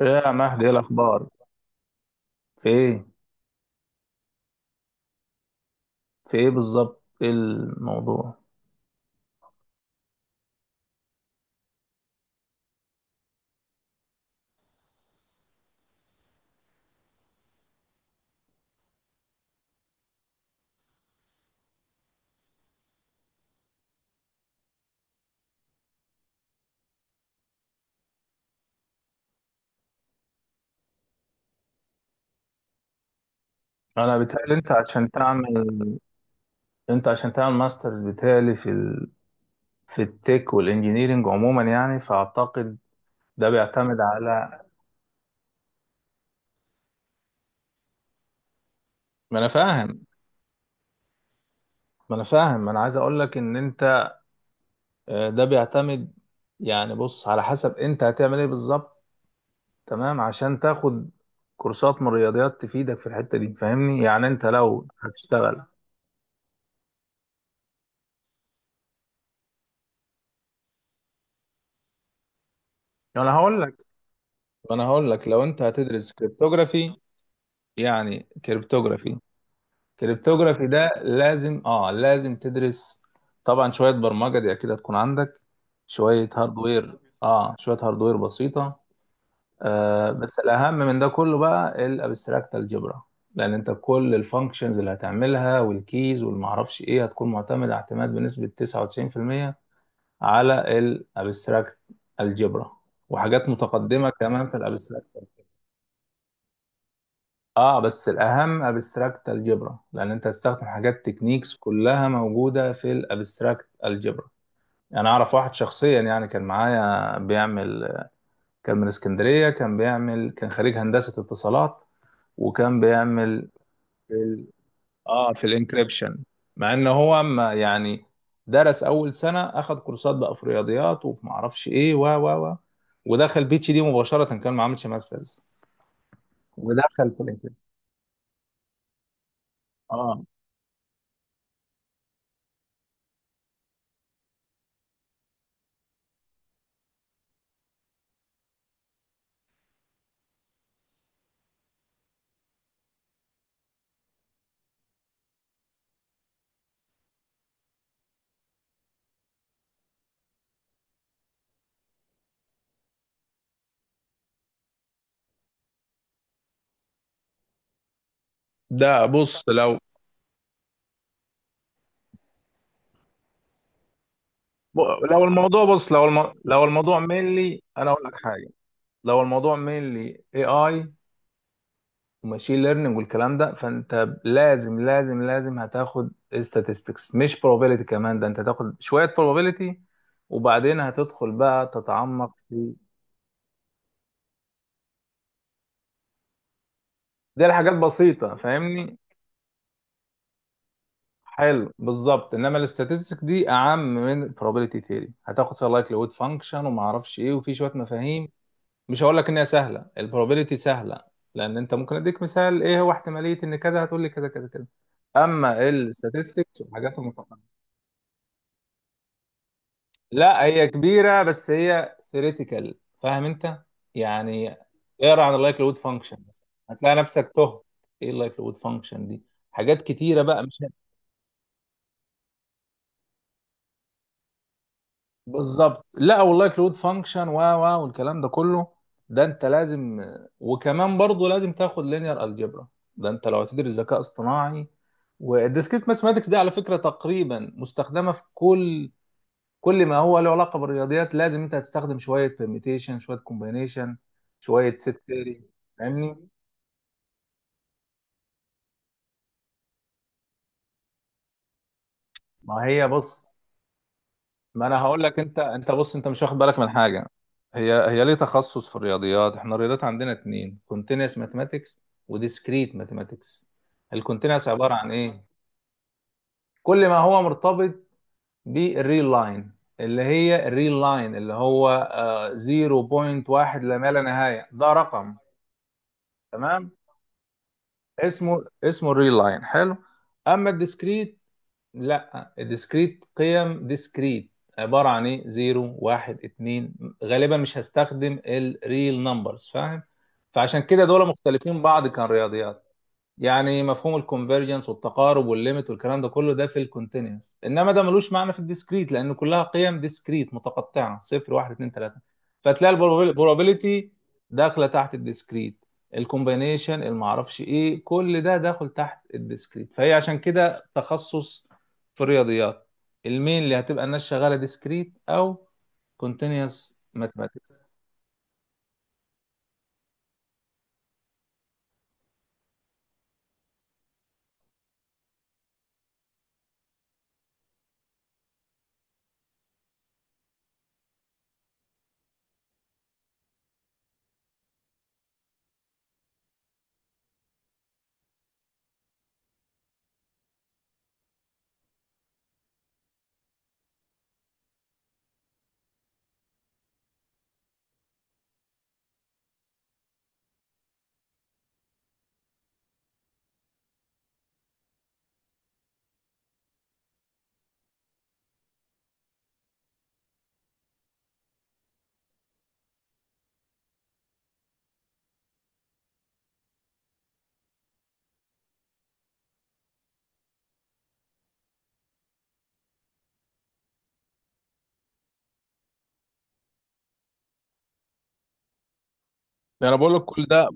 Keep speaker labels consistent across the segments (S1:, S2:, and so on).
S1: ايه يا مهدي؟ ايه الاخبار؟ في ايه؟ في ايه بالظبط؟ ايه الموضوع؟ انا بيتهيألي انت عشان تعمل انت عشان تعمل ماسترز بيتهيألي في التك والانجينيرينج عموما، يعني فاعتقد ده بيعتمد على... ما انا فاهم ما انا فاهم، ما انا عايز اقول لك ان انت، ده بيعتمد. يعني بص، على حسب انت هتعمل ايه بالظبط، تمام؟ عشان تاخد كورسات من الرياضيات تفيدك في الحتة دي، فاهمني؟ يعني انت لو هتشتغل... انا هقول لك انا هقول لك، لو انت هتدرس كريبتوغرافي، يعني كريبتوغرافي ده لازم، لازم تدرس طبعا شوية برمجة، دي اكيد هتكون عندك. شوية هاردوير، شوية هاردوير بسيطة. بس الاهم من ده كله بقى الابستراكت الجبرا، لان انت كل الفانكشنز اللي هتعملها والكيز والمعرفش ايه هتكون معتمدة اعتماد بنسبة 99% على الابستراكت الجبرا، وحاجات متقدمة كمان في الابستراكت. اه، بس الاهم ابستراكت الجبرا، لان انت هتستخدم حاجات تكنيكس كلها موجوده في الابستراكت الجبرا. يعني اعرف واحد شخصيا، يعني كان معايا بيعمل، كان من اسكندريه، كان بيعمل، كان خريج هندسه اتصالات، وكان بيعمل في ال... اه في الانكريبشن، مع ان هو ما يعني درس اول سنه، اخد كورسات بقى في رياضيات وفي معرفش ايه، و و و ودخل بي اتش دي مباشره، كان ما عملش ماسترز، ودخل في الانكريبشن. اه ده بص لو ب- لو الموضوع بص لو الم... لو الموضوع مينلي، انا اقول لك حاجه. لو الموضوع مينلي اي وماشين ليرنينج والكلام ده، فانت لازم لازم لازم هتاخد statistics، مش probability. كمان ده انت هتاخد شويه probability، وبعدين هتدخل بقى تتعمق في... دي الحاجات بسيطه، فاهمني؟ حلو بالظبط. انما الاستاتستيك دي اعم من probability theory، هتاخد فيها likelihood function وما اعرفش ايه، وفي شويه مفاهيم. مش هقول لك ان هي سهله، البروبابيلتي سهله، لان انت ممكن اديك مثال ايه هو احتماليه ان كذا، هتقول لي كذا كذا كذا. اما الستاتستكس والحاجات المتقنه، لا هي كبيره، بس هي ثيوريتيكال، فاهم انت يعني؟ اقرا عن اللايكليود فانكشن، هتلاقي نفسك تهت. ايه اللايكليود فانكشن دي؟ حاجات كتيره بقى، مش بالظبط. لا والله، كلود فانكشن و و والكلام ده كله، ده انت لازم. وكمان برضه لازم تاخد لينير الجبرا، ده انت لو هتدرس ذكاء اصطناعي. والديسكريت ماثماتكس دي على فكره تقريبا مستخدمه في كل... كل ما هو له علاقه بالرياضيات. لازم انت هتستخدم شويه بيرميتيشن، شويه كومبينيشن، شويه ست ثيوري، فاهمني؟ ما هي بص، ما انا هقول لك. انت بص، انت مش واخد بالك من حاجه. هي هي ليه تخصص في الرياضيات؟ احنا الرياضيات عندنا اتنين: كونتينوس ماثماتكس، وديسكريت ماثماتكس. الكونتينوس عباره عن ايه؟ كل ما هو مرتبط بالريل لاين، اللي هي الريل لاين، اللي هو 0.1 لما لا نهايه، ده رقم، تمام؟ اسمه الريل لاين، حلو. اما الديسكريت، لا، ديسكريت قيم ديسكريت، عبارة عن ايه؟ زيرو، واحد، اتنين، غالبا مش هستخدم الريل نمبرز، فاهم؟ فعشان كده دول مختلفين بعض. كان يعني مفهوم الكونفرجنس والتقارب والليمت والكلام ده كله، ده في الكونتينوس، انما ده ملوش معنى في الديسكريت، لان كلها قيم ديسكريت متقطعه: صفر، واحد، اتنين، تلاته. فتلاقي البروبابيليتي داخله تحت الديسكريت، الكومبينيشن، المعرفش ايه، كل ده داخل تحت الديسكريت. فهي عشان كده تخصص في الرياضيات المين، اللي هتبقى الناس شغاله ديسكريت او كونتينوس ماثماتكس. انا بقول لك، كل ده...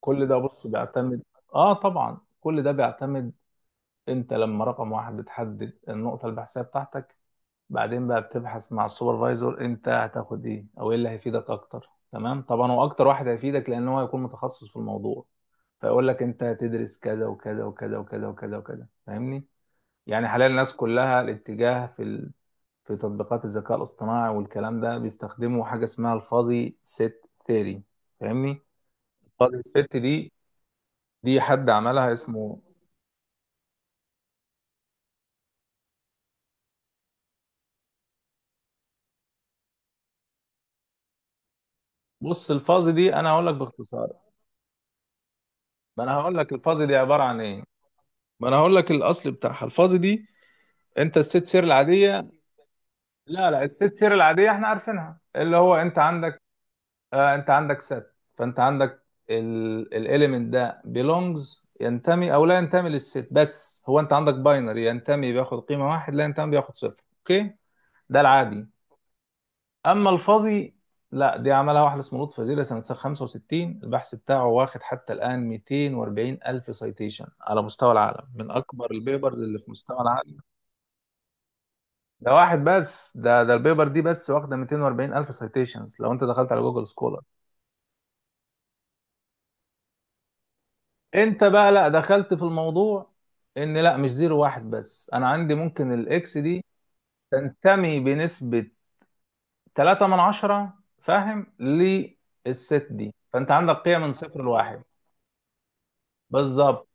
S1: كل ده بص بيعتمد. اه طبعا، كل ده بيعتمد. انت لما رقم واحد بتحدد النقطة البحثية بتاعتك، بعدين بقى بتبحث مع السوبرفايزر انت هتاخد ايه، او ايه اللي هيفيدك اكتر، تمام؟ طبعا هو اكتر واحد هيفيدك، لان هو هيكون متخصص في الموضوع. فيقول لك انت هتدرس كذا وكذا وكذا وكذا وكذا وكذا، فاهمني؟ يعني حاليا الناس كلها الاتجاه في ال... في تطبيقات الذكاء الاصطناعي والكلام ده، بيستخدموا حاجة اسمها الفuzzy set theory، فاهمني؟ الفuzzy set دي، دي حد عملها، اسمه... بص، الفازي دي انا هقول لك باختصار. ما انا هقول لك الفازي دي عباره عن ايه. ما انا هقول لك الاصل بتاعها. الفازي دي، انت الست سير العاديه... لا لا، الست سير العاديه احنا عارفينها، اللي هو انت عندك... آه انت عندك ست، فانت عندك الاليمنت ده belongs، ينتمي او لا ينتمي للست. بس هو انت عندك باينري: ينتمي بياخد قيمه واحد، لا ينتمي بياخد صفر، اوكي؟ ده العادي. اما الفاضي، لا، دي عملها واحد اسمه لطفي وزير، سنه 65 البحث بتاعه واخد حتى الان 240 الف سايتيشن على مستوى العالم، من اكبر البيبرز اللي في مستوى العالم. ده واحد بس، ده البيبر دي بس واخده 240 الف سايتيشنز، لو انت دخلت على جوجل سكولر. انت بقى لا، دخلت في الموضوع ان لا، مش زيرو واحد بس، انا عندي ممكن الاكس دي تنتمي بنسبه 3 من عشرة، فاهم؟ للست دي، فانت عندك قيم من صفر لواحد. بالظبط،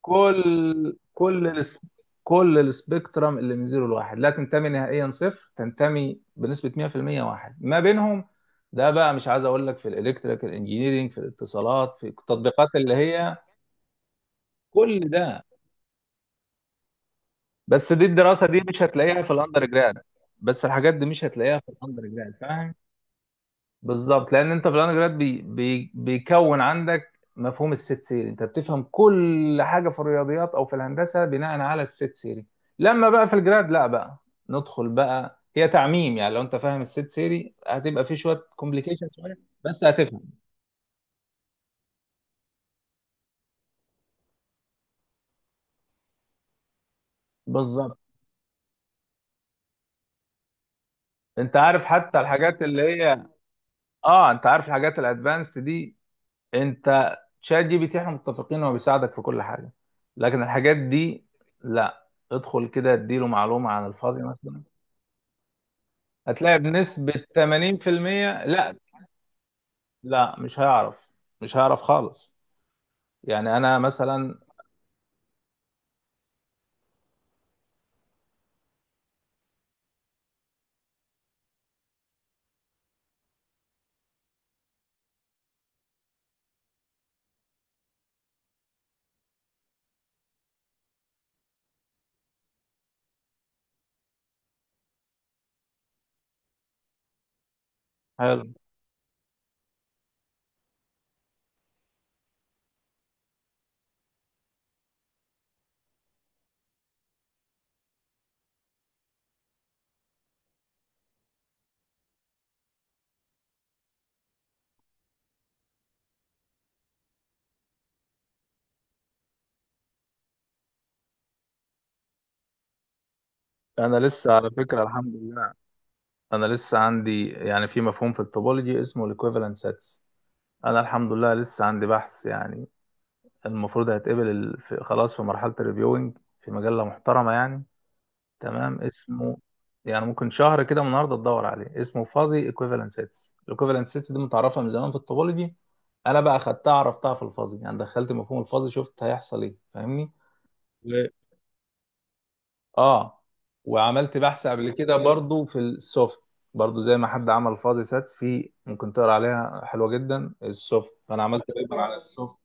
S1: كل كل الس... كل السبيكترم اللي من زيرو لواحد: لا تنتمي نهائيا صفر، تنتمي بنسبة 100% واحد، ما بينهم ده بقى مش عايز اقول لك. في الالكتريكال انجينيرينج، في الاتصالات، في التطبيقات اللي هي كل ده. بس دي الدراسة دي مش هتلاقيها في الاندر جراد، بس الحاجات دي مش هتلاقيها في الاندر جراد، فاهم؟ بالظبط. لان انت في الاندرجراد بي بي بيكون عندك مفهوم الست سيري، انت بتفهم كل حاجه في الرياضيات او في الهندسه بناء على الست سيري. لما بقى في الجراد، لا بقى ندخل بقى، هي تعميم، يعني لو انت فاهم الست سيري هتبقى في شويه كومبليكيشن شويه، بس هتفهم. بالظبط. انت عارف حتى الحاجات اللي هي، اه انت عارف الحاجات الادفانسد دي. انت شات جي بي تي احنا متفقين هو بيساعدك في كل حاجه، لكن الحاجات دي لا. ادخل كده اديله معلومه عن الفازي مثلا، هتلاقي بنسبة 80%... لا، لا مش هيعرف، مش هيعرف خالص. يعني انا مثلا، حلو، انا لسه على فكرة الحمد لله، انا لسه عندي يعني، في مفهوم في التوبولوجي اسمه الايكويفالنت سيتس. انا الحمد لله لسه عندي بحث، يعني المفروض هيتقبل، خلاص في مرحلة الريفيوينج، في مجلة محترمة يعني. تمام، اسمه... يعني ممكن شهر كده من النهارده تدور عليه، اسمه فازي ايكويفالنت سيتس. الايكويفالنت سيتس دي متعرفه من زمان في الطوبولوجي، انا بقى خدتها، عرفتها في الفازي، يعني دخلت مفهوم الفازي، شفت هيحصل ايه، فاهمني؟ و- اه وعملت بحث قبل كده برضو في السوفت. برضو زي ما حد عمل فازي ساتس، في ممكن تقرا عليها حلوه جدا، السوفت. فانا عملت دايما على السوفت.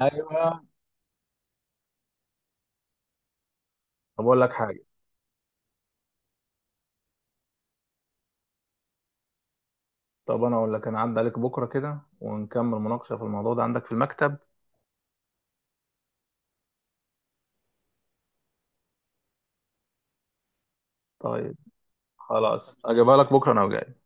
S1: ايوه. طب اقول لك حاجه، طب انا اقول لك، انا عدى عليك بكره كده ونكمل مناقشه في الموضوع ده عندك في المكتب. طيب خلاص، اجيبها لك بكره انا وجاي.